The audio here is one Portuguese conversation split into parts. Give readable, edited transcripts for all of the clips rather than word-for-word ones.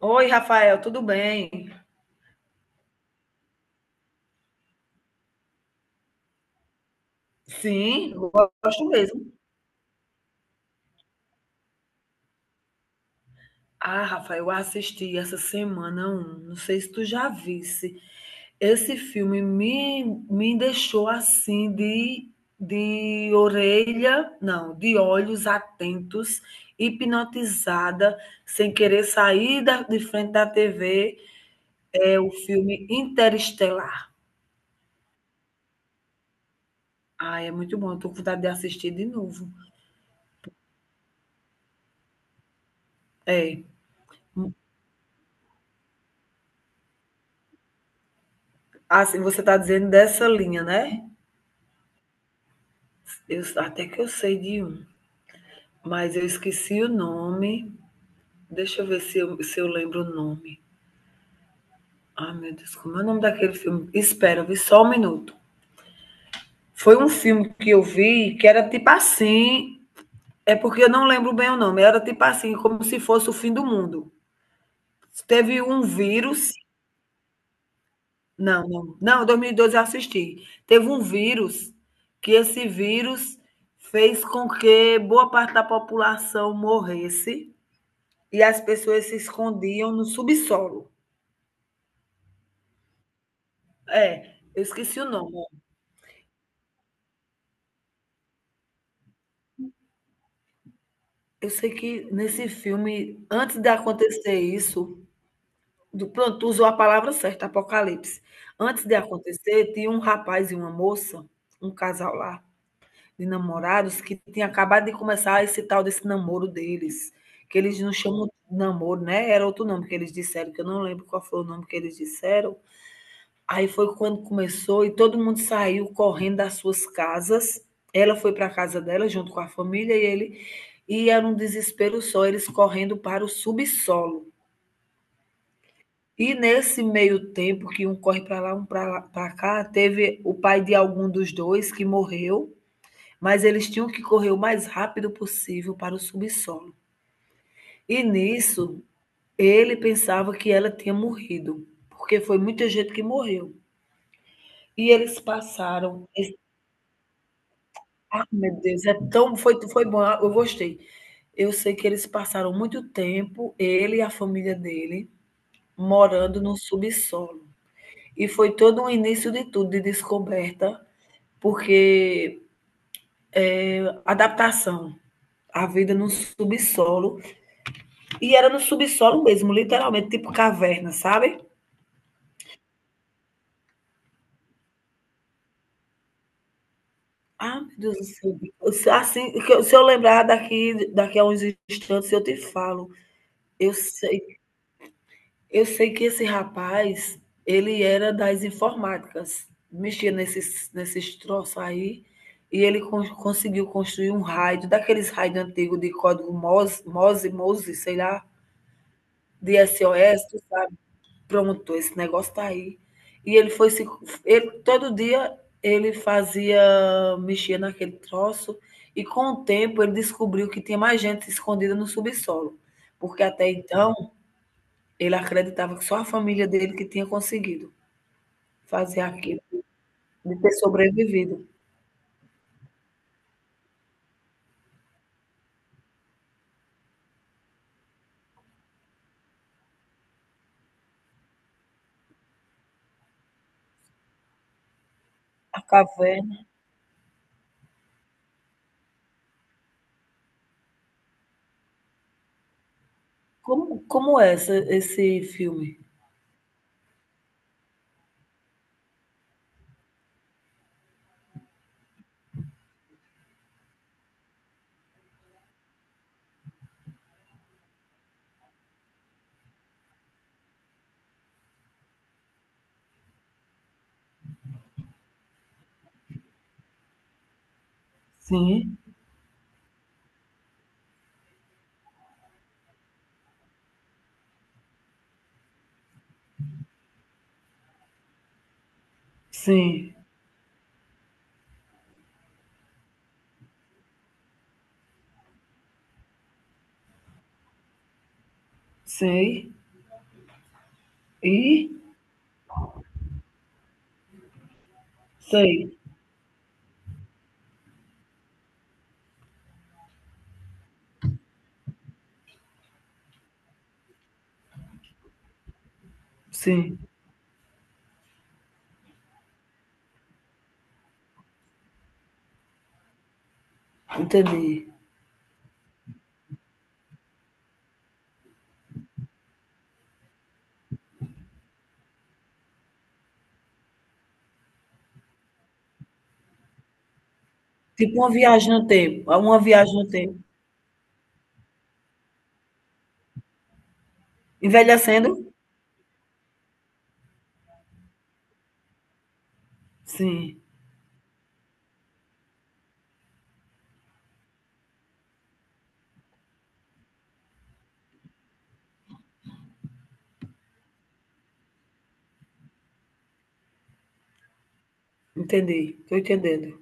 Oi, Rafael, tudo bem? Sim, eu gosto mesmo. Ah, Rafael, eu assisti essa semana um, não sei se tu já visse. Esse filme me deixou assim de orelha, não, de olhos atentos, hipnotizada, sem querer sair de frente da TV. É o filme Interestelar. Ah, é muito bom, eu tô com vontade de assistir de novo. É, assim, você tá dizendo dessa linha, né? Eu, até que eu sei de um, mas eu esqueci o nome. Deixa eu ver se eu lembro o nome. Ai, meu Deus, como é o nome daquele filme? Espera, vi só um minuto. Foi um filme que eu vi que era tipo assim. É porque eu não lembro bem o nome. Era tipo assim, como se fosse o fim do mundo. Teve um vírus. Não, não. Não, 2012 eu assisti. Teve um vírus que esse vírus fez com que boa parte da população morresse. E as pessoas se escondiam no subsolo. É, eu esqueci o nome. Eu sei que nesse filme, antes de acontecer isso, do, pronto, tu usou a palavra certa, apocalipse. Antes de acontecer, tinha um rapaz e uma moça, um casal lá, de namorados, que tinha acabado de começar esse tal desse namoro deles. Que eles não chamam de namoro, né? Era outro nome que eles disseram, que eu não lembro qual foi o nome que eles disseram. Aí foi quando começou e todo mundo saiu correndo das suas casas. Ela foi para a casa dela junto com a família e ele, e era um desespero só, eles correndo para o subsolo. E nesse meio tempo que um corre para lá, um para cá, teve o pai de algum dos dois que morreu, mas eles tinham que correr o mais rápido possível para o subsolo. E nisso, ele pensava que ela tinha morrido, porque foi muita gente que morreu. E eles passaram. Ai, meu Deus, é tão foi foi bom, eu gostei. Eu sei que eles passaram muito tempo, ele e a família dele, morando no subsolo. E foi todo um início de tudo, de descoberta, porque adaptação à vida no subsolo, e era no subsolo mesmo, literalmente, tipo caverna, sabe? Ah, meu Deus do céu. Se- Assim, que eu- se eu lembrar daqui, daqui a uns instantes, eu te falo. Eu sei Eu sei que esse rapaz, ele era das informáticas, mexia nesses troços aí, e ele conseguiu construir um raio, daqueles raios antigos de código MOS, MOSE, MOSE, sei lá, de SOS, tu sabe? Pronto, esse negócio tá aí. E ele foi se, ele, todo dia ele fazia, mexia naquele troço, e com o tempo ele descobriu que tinha mais gente escondida no subsolo, porque até então ele acreditava que só a família dele que tinha conseguido fazer aquilo, de ter sobrevivido. A caverna. Como é esse filme? Sim, sim, sei. E sei, sim. Entendi. Tipo uma viagem no tempo. Uma viagem no tempo. Envelhecendo? Sim, entendi. Estou entendendo.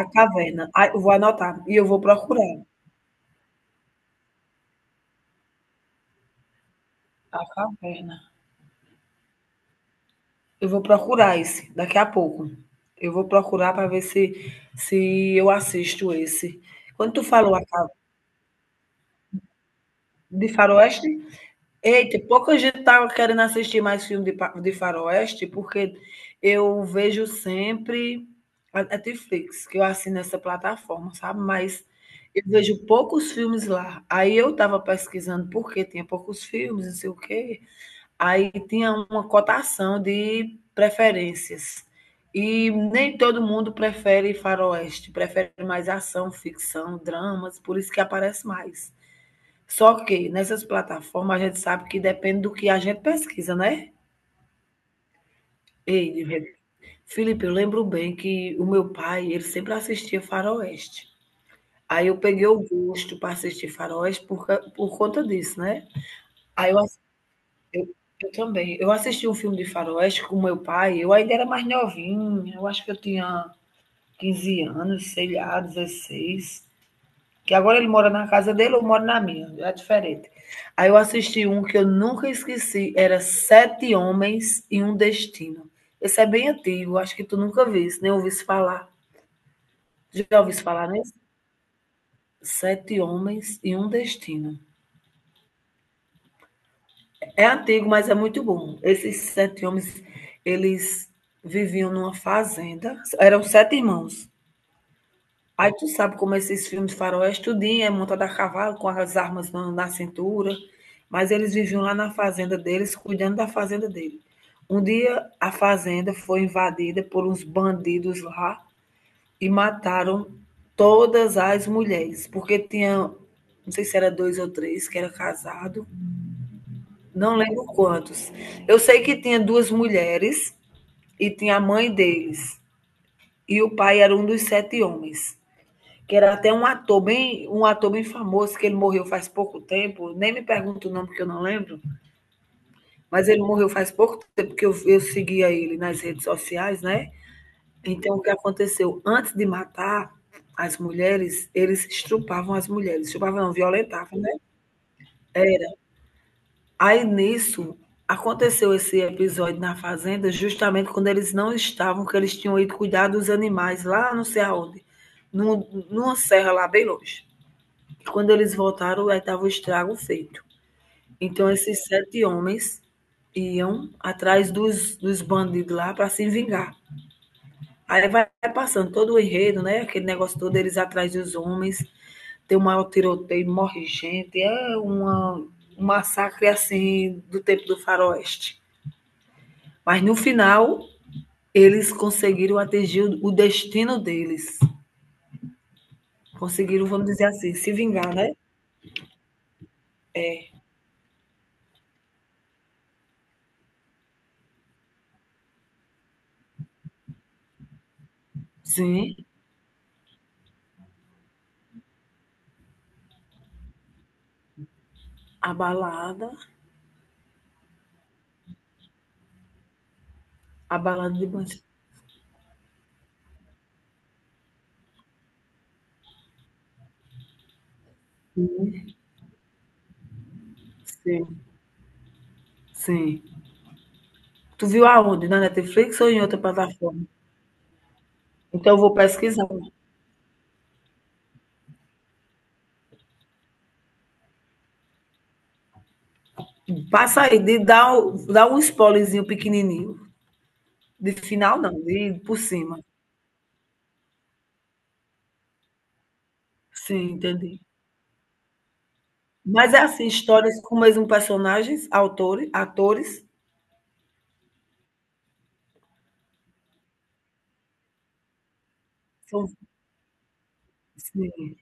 A caverna. Ah, eu vou anotar e eu vou procurar. A caverna. Eu vou procurar esse daqui a pouco. Eu vou procurar para ver se eu assisto esse. Quando tu falou de Faroeste, eita, pouca gente estava querendo assistir mais filme de Faroeste, porque eu vejo sempre a Netflix, que eu assino essa plataforma, sabe? Mas eu vejo poucos filmes lá. Aí eu estava pesquisando por que tinha poucos filmes, não sei o quê. Aí tinha uma cotação de preferências. E nem todo mundo prefere faroeste, prefere mais ação, ficção, dramas, por isso que aparece mais. Só que nessas plataformas a gente sabe que depende do que a gente pesquisa, né? Ei, Felipe, eu lembro bem que o meu pai, ele sempre assistia faroeste. Aí eu peguei o gosto para assistir faroeste por conta disso, né? Aí eu também. Eu assisti um filme de faroeste com meu pai, eu ainda era mais novinha, eu acho que eu tinha 15 anos, sei lá, 16. Que agora ele mora na casa dele, eu moro na minha, é diferente. Aí eu assisti um que eu nunca esqueci, era Sete Homens e um Destino. Esse é bem antigo, acho que tu nunca viste, nem ouviste falar. Já ouviste falar nesse? Sete Homens e um Destino. É antigo, mas é muito bom. Esses sete homens, eles viviam numa fazenda. Eram sete irmãos. Aí tu sabe como esses filmes faroeste, tudinho é montado a cavalo, com as armas na cintura. Mas eles viviam lá na fazenda deles, cuidando da fazenda dele. Um dia a fazenda foi invadida por uns bandidos lá e mataram todas as mulheres, porque tinha, não sei se era dois ou três, que era casado, não lembro quantos. Eu sei que tinha duas mulheres e tinha a mãe deles. E o pai era um dos sete homens. Que era até um ator bem famoso, que ele morreu faz pouco tempo. Nem me pergunto o nome, porque eu não lembro. Mas ele morreu faz pouco tempo, porque eu seguia ele nas redes sociais, né? Então, o que aconteceu? Antes de matar as mulheres, eles estrupavam as mulheres. Estrupavam, não, violentavam, né? É, aí nisso aconteceu esse episódio na fazenda, justamente quando eles não estavam, que eles tinham ido cuidar dos animais lá não sei aonde, num, numa serra lá bem longe. E quando eles voltaram, aí estava o estrago feito. Então esses sete homens iam atrás dos bandidos lá para se vingar. Aí vai passando todo o enredo, né? Aquele negócio todo, eles atrás dos homens, tem um maior tiroteio, morre gente, um massacre assim do tempo do faroeste. Mas no final, eles conseguiram atingir o destino deles. Conseguiram, vamos dizer assim, se vingar, né? Sim, a balada, a balada de Bandido. Sim, sim. Tu viu aonde? Na Netflix ou em outra plataforma? Então eu vou pesquisar. Passa aí, dá um spoilerzinho pequenininho. De final não, de por cima. Sim, entendi. Mas é assim, histórias com o mesmo personagens, autores, atores. São, sim,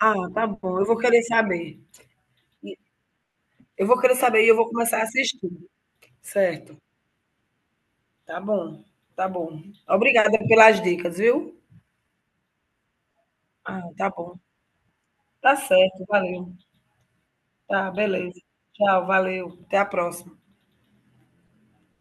Ah, tá bom, eu vou querer saber. E eu vou querer saber e eu vou começar a assistir. Certo. Tá bom, tá bom. Obrigada pelas dicas, viu? Ah, tá bom. Tá certo, valeu. Tá, beleza. Tchau, valeu. Até a próxima.